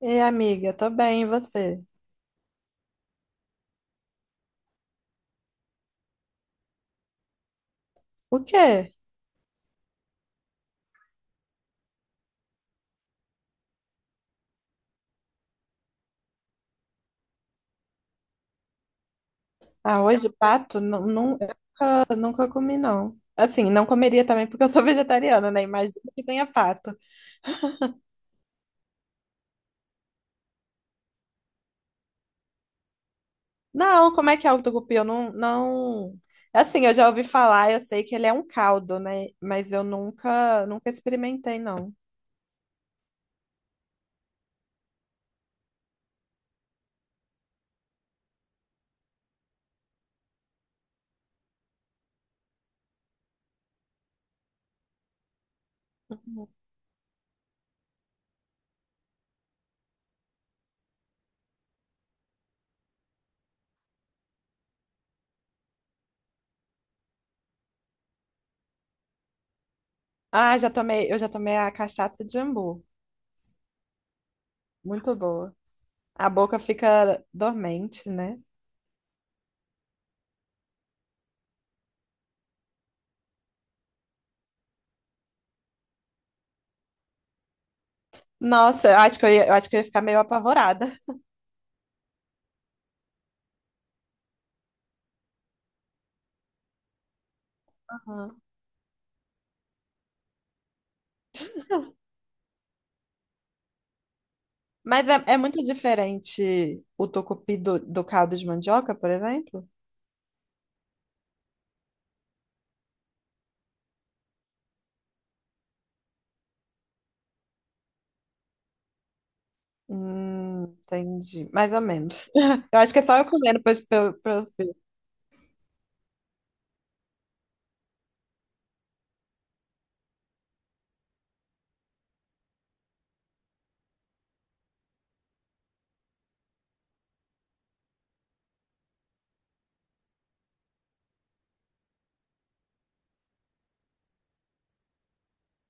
E amiga, tô bem, e você? O quê? Arroz de pato? Não, não, eu nunca comi, não. Assim, não comeria também porque eu sou vegetariana, né? Imagina que tenha pato. Não, como é que é o tucupi? Eu não, não... Assim, eu já ouvi falar, eu sei que ele é um caldo, né? Mas eu nunca experimentei, não. Ah, já tomei, eu já tomei a cachaça de jambu. Muito boa. A boca fica dormente, né? Nossa, eu acho que eu ia, eu acho que eu ia ficar meio apavorada. Mas é, é muito diferente o tocupi do caldo de mandioca, por exemplo? Entendi. Mais ou menos. Eu acho que é só eu comendo pra eu ver.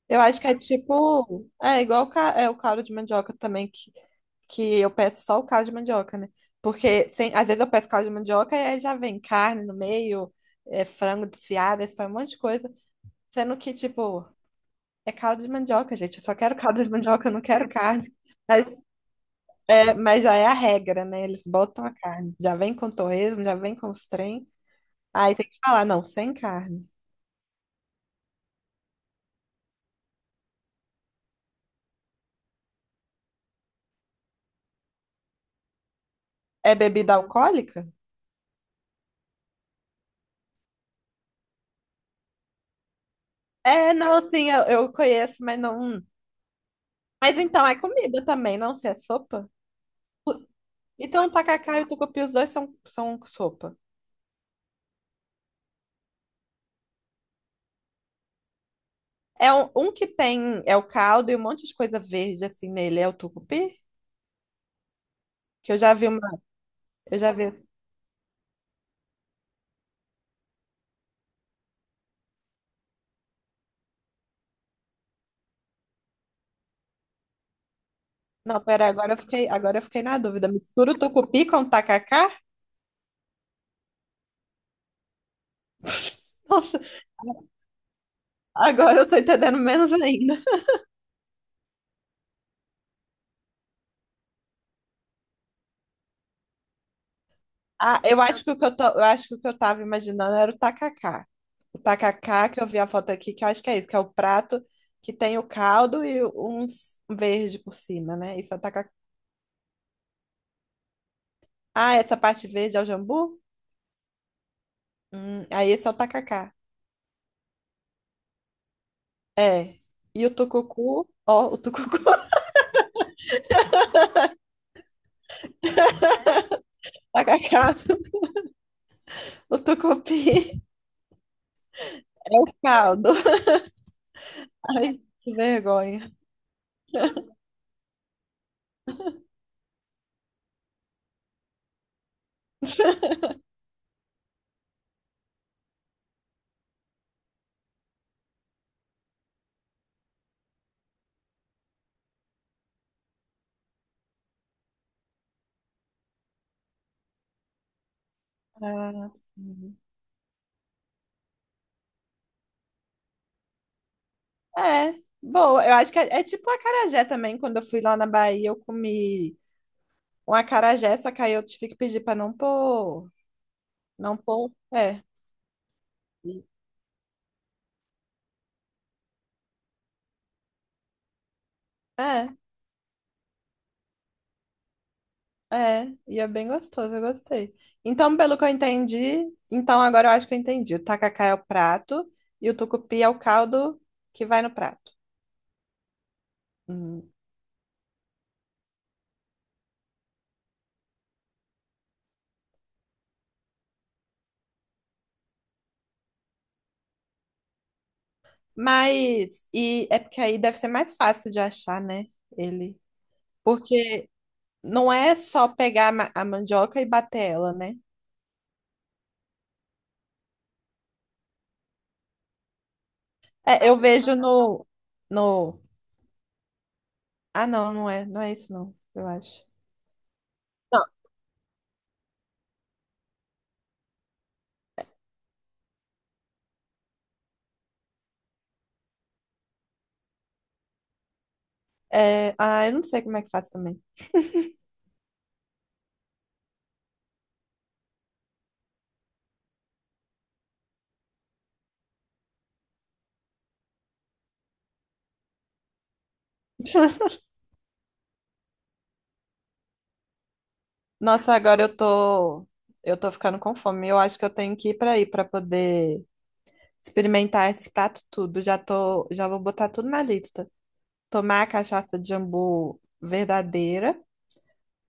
Eu acho que é tipo. É igual o, é, o caldo de mandioca também, que eu peço só o caldo de mandioca, né? Porque sem, às vezes eu peço caldo de mandioca e aí já vem carne no meio, é, frango desfiado, esse um monte de coisa. Sendo que, tipo, é caldo de mandioca, gente. Eu só quero caldo de mandioca, eu não quero carne. É, mas já é a regra, né? Eles botam a carne. Já vem com torresmo, já vem com os trem. Aí tem que falar, não, sem carne. É bebida alcoólica? É, não, sim, eu conheço, mas não. Mas então é comida também, não se é sopa? O- Então, o tacacá e o tucupi, os dois são, são sopa. É um que tem, é o caldo e um monte de coisa verde assim nele, é o tucupi? Que eu já vi uma, eu já vi. Não, pera, agora eu fiquei na dúvida. Mistura o tucupi com o tacacá? Nossa, agora eu tô entendendo menos ainda. Ah, eu acho que o que eu tô, eu acho que o que eu tava imaginando era o tacacá. O tacacá, que eu vi a foto aqui, que eu acho que é isso, que é o prato que tem o caldo e uns verde por cima, né? Isso é o tacacá. Ah, essa parte verde é o jambu? Aí esse é o tacacá. É. E o tucucu, ó, o tucucu, tacacá, o tucupi, caldo. Ai, que vergonha. Ah, é, boa. Eu acho que é, é tipo a acarajé também. Quando eu fui lá na Bahia, eu comi um acarajé, só que aí eu tive que pedir pra não pôr. Não pôr. É. É, é. E é bem gostoso, eu gostei. Então, pelo que eu entendi, então agora eu acho que eu entendi. O tacacá é o prato e o tucupi é o caldo que vai no prato. Hum. Mas, e é porque aí deve ser mais fácil de achar, né? Ele. Porque não é só pegar a a mandioca e bater ela, né? É, eu vejo no. Ah, não é. Não é isso, não, eu acho. Não, é. Ah, eu não sei como é que faz também. Nossa, agora eu tô. Eu tô ficando com fome. Eu acho que eu tenho que ir pra aí pra poder experimentar esse prato tudo. Já tô. Já vou botar tudo na lista. Tomar a cachaça de jambu verdadeira.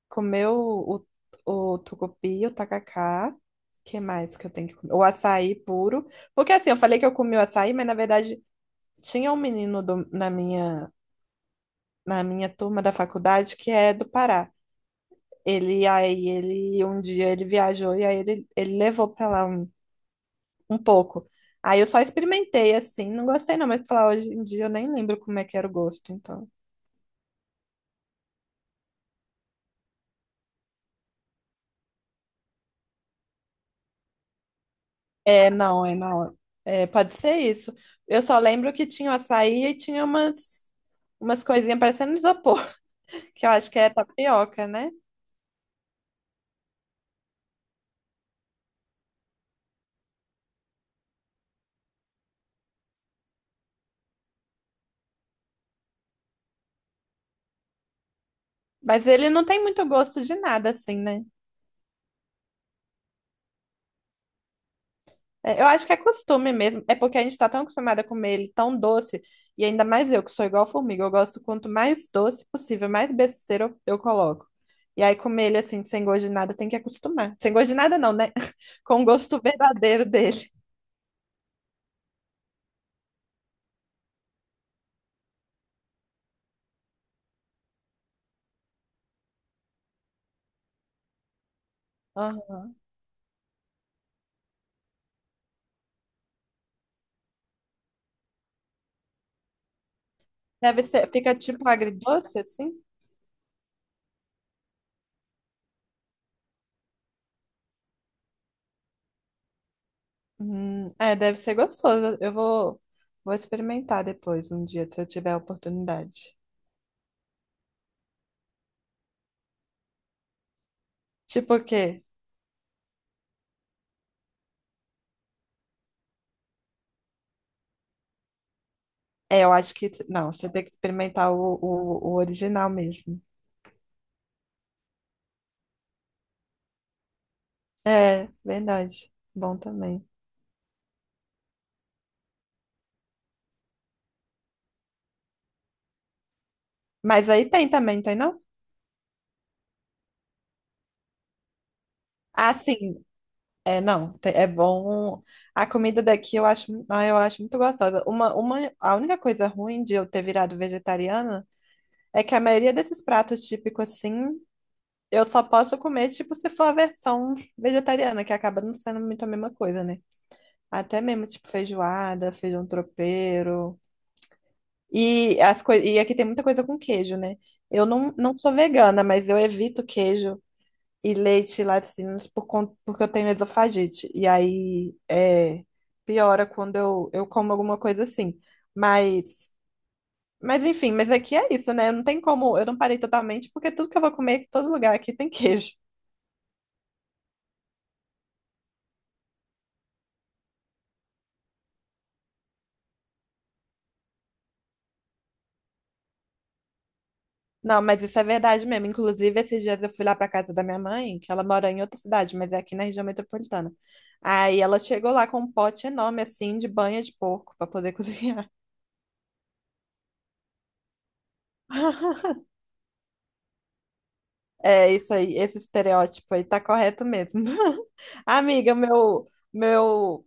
Comer o tucupi, o tacacá. O que mais que eu tenho que comer? O açaí puro. Porque assim, eu falei que eu comi o açaí, mas na verdade. Tinha um menino na minha turma da faculdade que é do Pará. Ele aí ele um dia ele viajou e aí ele levou pra lá um pouco. Aí eu só experimentei assim, não gostei não, mas falar hoje em dia eu nem lembro como é que era o gosto, então. É, não, é não. É, pode ser isso. Eu só lembro que tinha o açaí e tinha umas coisinhas parecendo isopor, que eu acho que é tapioca, né? Mas ele não tem muito gosto de nada assim, né? É, eu acho que é costume mesmo, é porque a gente tá tão acostumada a comer ele tão doce, e ainda mais eu, que sou igual formiga, eu gosto quanto mais doce possível, mais besteira eu coloco. E aí comer ele assim, sem gosto de nada, tem que acostumar. Sem gosto de nada não, né? Com o gosto verdadeiro dele. Aham. Deve ser, fica tipo agridoce assim? É, deve ser gostoso. Vou experimentar depois, um dia, se eu tiver a oportunidade. Tipo o quê? É, eu acho que. Não, você tem que experimentar o original mesmo. É, verdade. Bom também. Mas aí tem também, tem não? Ah, sim. É, não. É bom. A comida daqui eu acho, ah, eu acho muito gostosa. A única coisa ruim de eu ter virado vegetariana é que a maioria desses pratos típicos, assim, eu só posso comer, tipo, se for a versão vegetariana, que acaba não sendo muito a mesma coisa, né? Até mesmo, tipo, feijoada, feijão tropeiro. E, e aqui tem muita coisa com queijo, né? Eu não sou vegana, mas eu evito queijo e leite e laticínios por conta, porque eu tenho esofagite. E aí é, piora quando eu como alguma coisa assim. Mas, mas enfim, mas aqui é isso, né? Não tem como, eu não parei totalmente, porque tudo que eu vou comer, todo lugar aqui tem queijo. Não, mas isso é verdade mesmo. Inclusive, esses dias eu fui lá pra casa da minha mãe, que ela mora em outra cidade, mas é aqui na região metropolitana. Aí ela chegou lá com um pote enorme, assim, de banha de porco pra poder cozinhar. É isso aí, esse estereótipo aí tá correto mesmo. Amiga, meu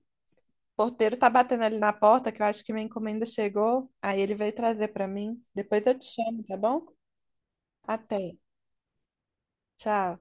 porteiro tá batendo ali na porta, que eu acho que minha encomenda chegou. Aí ele veio trazer pra mim. Depois eu te chamo, tá bom? Até. Tchau.